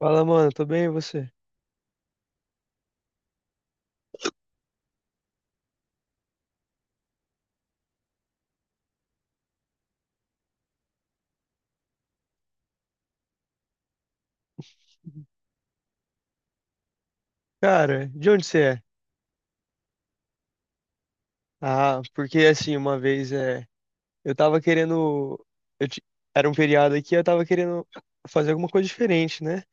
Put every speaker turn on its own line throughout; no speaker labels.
Fala, mano, tô bem, e você? Cara, de onde você é? Ah, porque assim, uma vez é, eu tava querendo, eu ti- era um feriado aqui, eu tava querendo fazer alguma coisa diferente, né?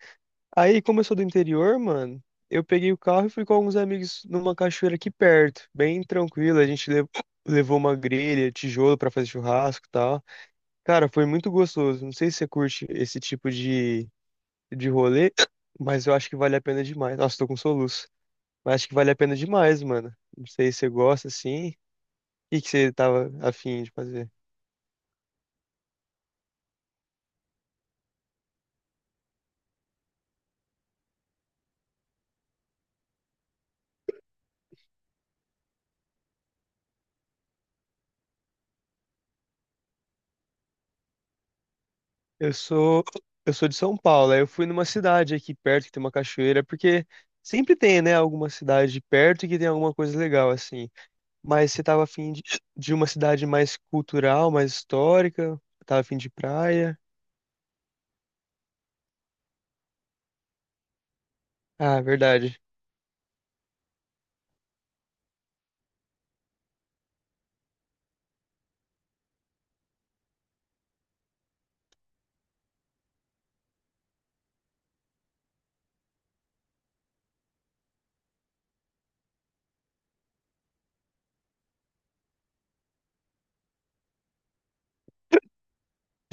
Aí, como eu sou do interior, mano, eu peguei o carro e fui com alguns amigos numa cachoeira aqui perto, bem tranquilo, a gente levou uma grelha, tijolo pra fazer churrasco e tal. Cara, foi muito gostoso. Não sei se você curte esse tipo de rolê, mas eu acho que vale a pena demais. Nossa, tô com soluço. Mas acho que vale a pena demais, mano. Não sei se você gosta assim. O que que você tava afim de fazer? Eu sou eu sou de São Paulo. Aí eu fui numa cidade aqui perto que tem uma cachoeira, porque sempre tem, né, alguma cidade perto que tem alguma coisa legal assim. Mas você tava afim de uma cidade mais cultural, mais histórica? Tava afim de praia? Ah, verdade.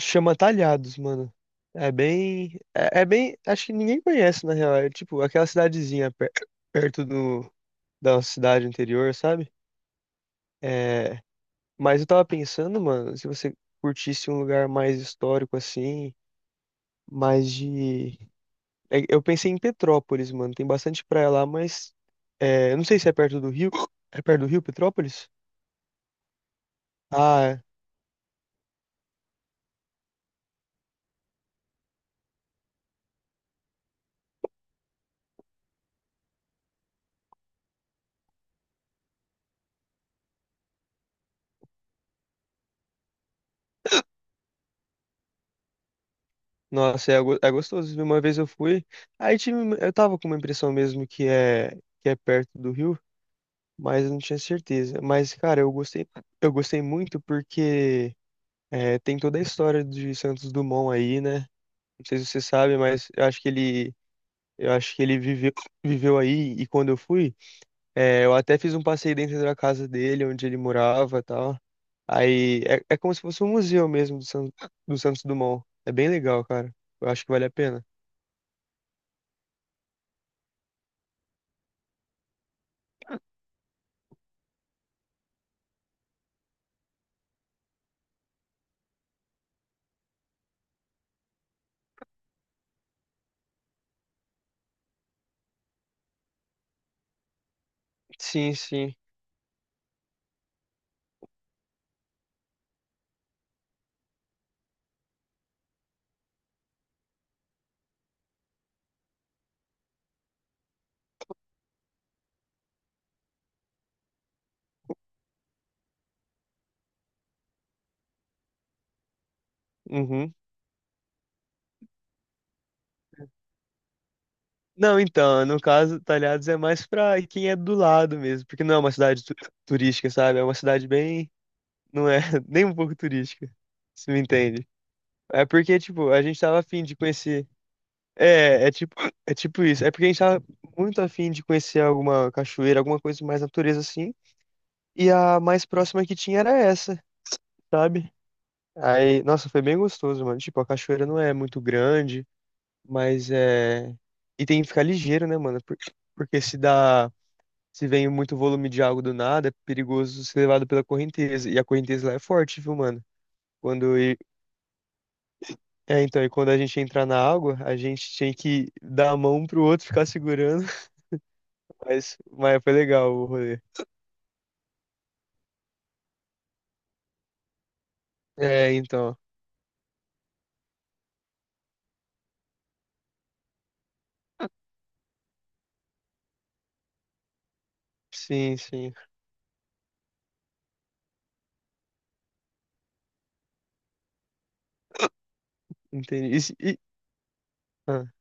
Chama Talhados, mano. É bem. É, é bem. Acho que ninguém conhece, na real. É tipo aquela cidadezinha perto da cidade anterior, sabe? É, mas eu tava pensando, mano, se você curtisse um lugar mais histórico assim, mais de. Eu pensei em Petrópolis, mano. Tem bastante praia lá, mas. Eu não sei se é perto do Rio. É perto do Rio, Petrópolis? Ah, é. Nossa, é gostoso. Uma vez eu fui, aí tinha, eu tava com uma impressão mesmo que é perto do rio, mas eu não tinha certeza. Mas, cara, eu gostei muito porque tem toda a história de Santos Dumont aí, né? Não sei se você sabe, mas eu acho que ele viveu aí e quando eu fui, eu até fiz um passeio dentro da casa dele, onde ele morava, e tal. Aí é, é como se fosse um museu mesmo do Santos Dumont. É bem legal, cara. Eu acho que vale a pena. Sim, sim. Uhum. Não, então, no caso, Talhados é mais pra quem é do lado mesmo, porque não é uma cidade turística, sabe? É uma cidade bem, não é nem um pouco turística, se me entende. É porque, tipo, a gente tava afim de conhecer. É, é tipo, é tipo isso. É porque a gente tava muito afim de conhecer alguma cachoeira, alguma coisa mais natureza assim. E a mais próxima que tinha era essa, sabe? Aí, nossa, foi bem gostoso, mano. Tipo, a cachoeira não é muito grande. Mas é. E tem que ficar ligeiro, né, mano? Porque se dá. Se vem muito volume de água do nada, é perigoso ser levado pela correnteza. E a correnteza lá é forte, viu, mano? Quando. e- É, então, e quando a gente entrar na água, a gente tinha que dar a mão pro outro ficar segurando. Mas, foi legal o rolê. É, então. Sim, sim. Entendi. Ah,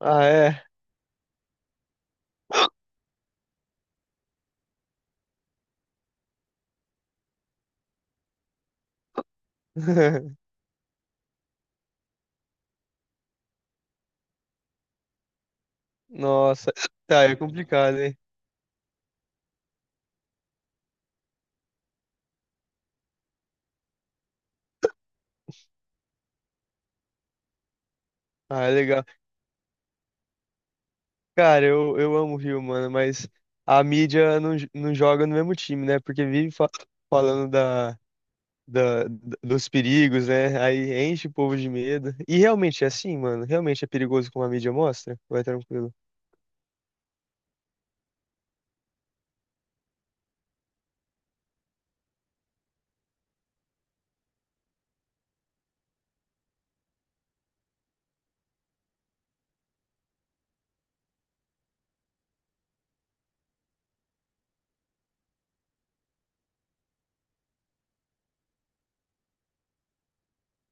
Ah, é. Nossa. Tá, é complicado, hein? Ah, é legal. Cara, eu amo o Rio, mano, mas a mídia não joga no mesmo time, né? Porque vive falando dos perigos, né? Aí enche o povo de medo. E realmente é assim, mano. Realmente é perigoso como a mídia mostra? Vai tranquilo.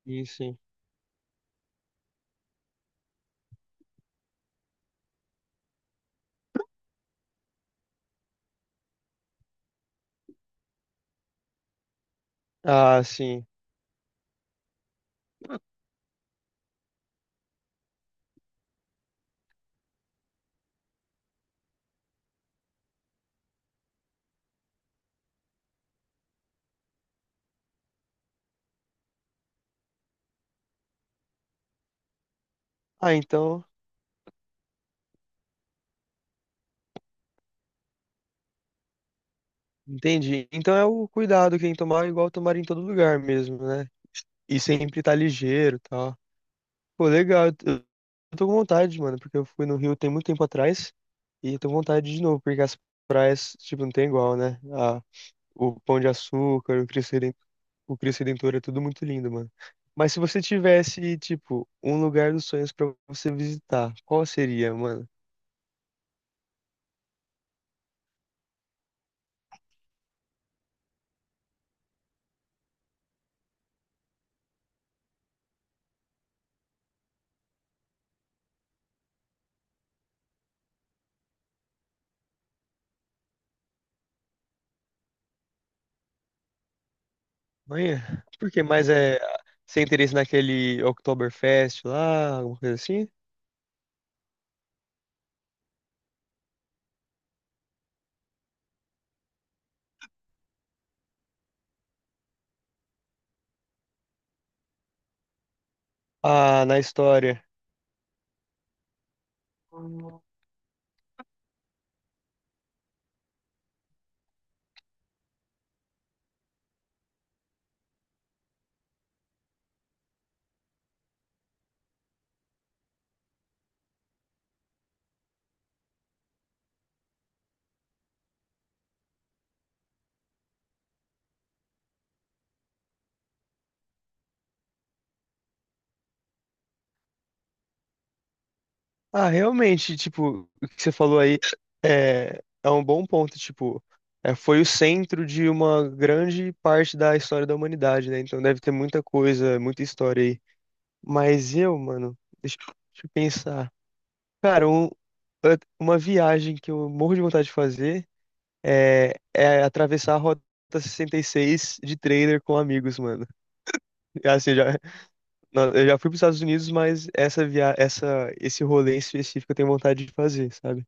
Isso, sim. Ah, sim. Ah, então. Entendi. Então é o cuidado que tem que tomar, igual tomar em todo lugar mesmo, né? E sempre tá ligeiro, e tal. Pô, legal. Eu tô com vontade, mano, porque eu fui no Rio tem muito tempo atrás e eu tô com vontade de novo, porque as praias, tipo, não tem igual, né? Ah, o Pão de Açúcar, o Cristo Redentor é tudo muito lindo, mano. Mas se você tivesse, tipo, um lugar dos sonhos pra você visitar, qual seria, mano? Amanhã? Porque mais é sem interesse naquele Oktoberfest lá, alguma coisa assim? Ah, na história. Ah, realmente, tipo, o que você falou aí é um bom ponto, tipo, foi o centro de uma grande parte da história da humanidade, né? Então deve ter muita coisa, muita história aí. Mas eu, mano, deixa eu pensar. Cara, uma viagem que eu morro de vontade de fazer é atravessar a Rota 66 de trailer com amigos, mano. É, assim, não, eu já fui para os Estados Unidos, mas esse rolê em específico eu tenho vontade de fazer, sabe?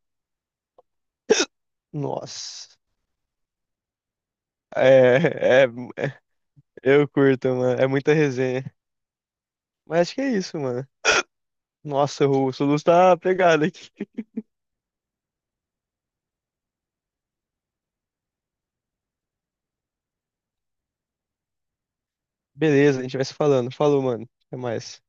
Nossa. É, é, eu curto, mano. É muita resenha. Mas acho que é isso, mano. Nossa, o Soluz tá pegado aqui. Beleza, a gente vai se falando. Falou, mano. Até mais.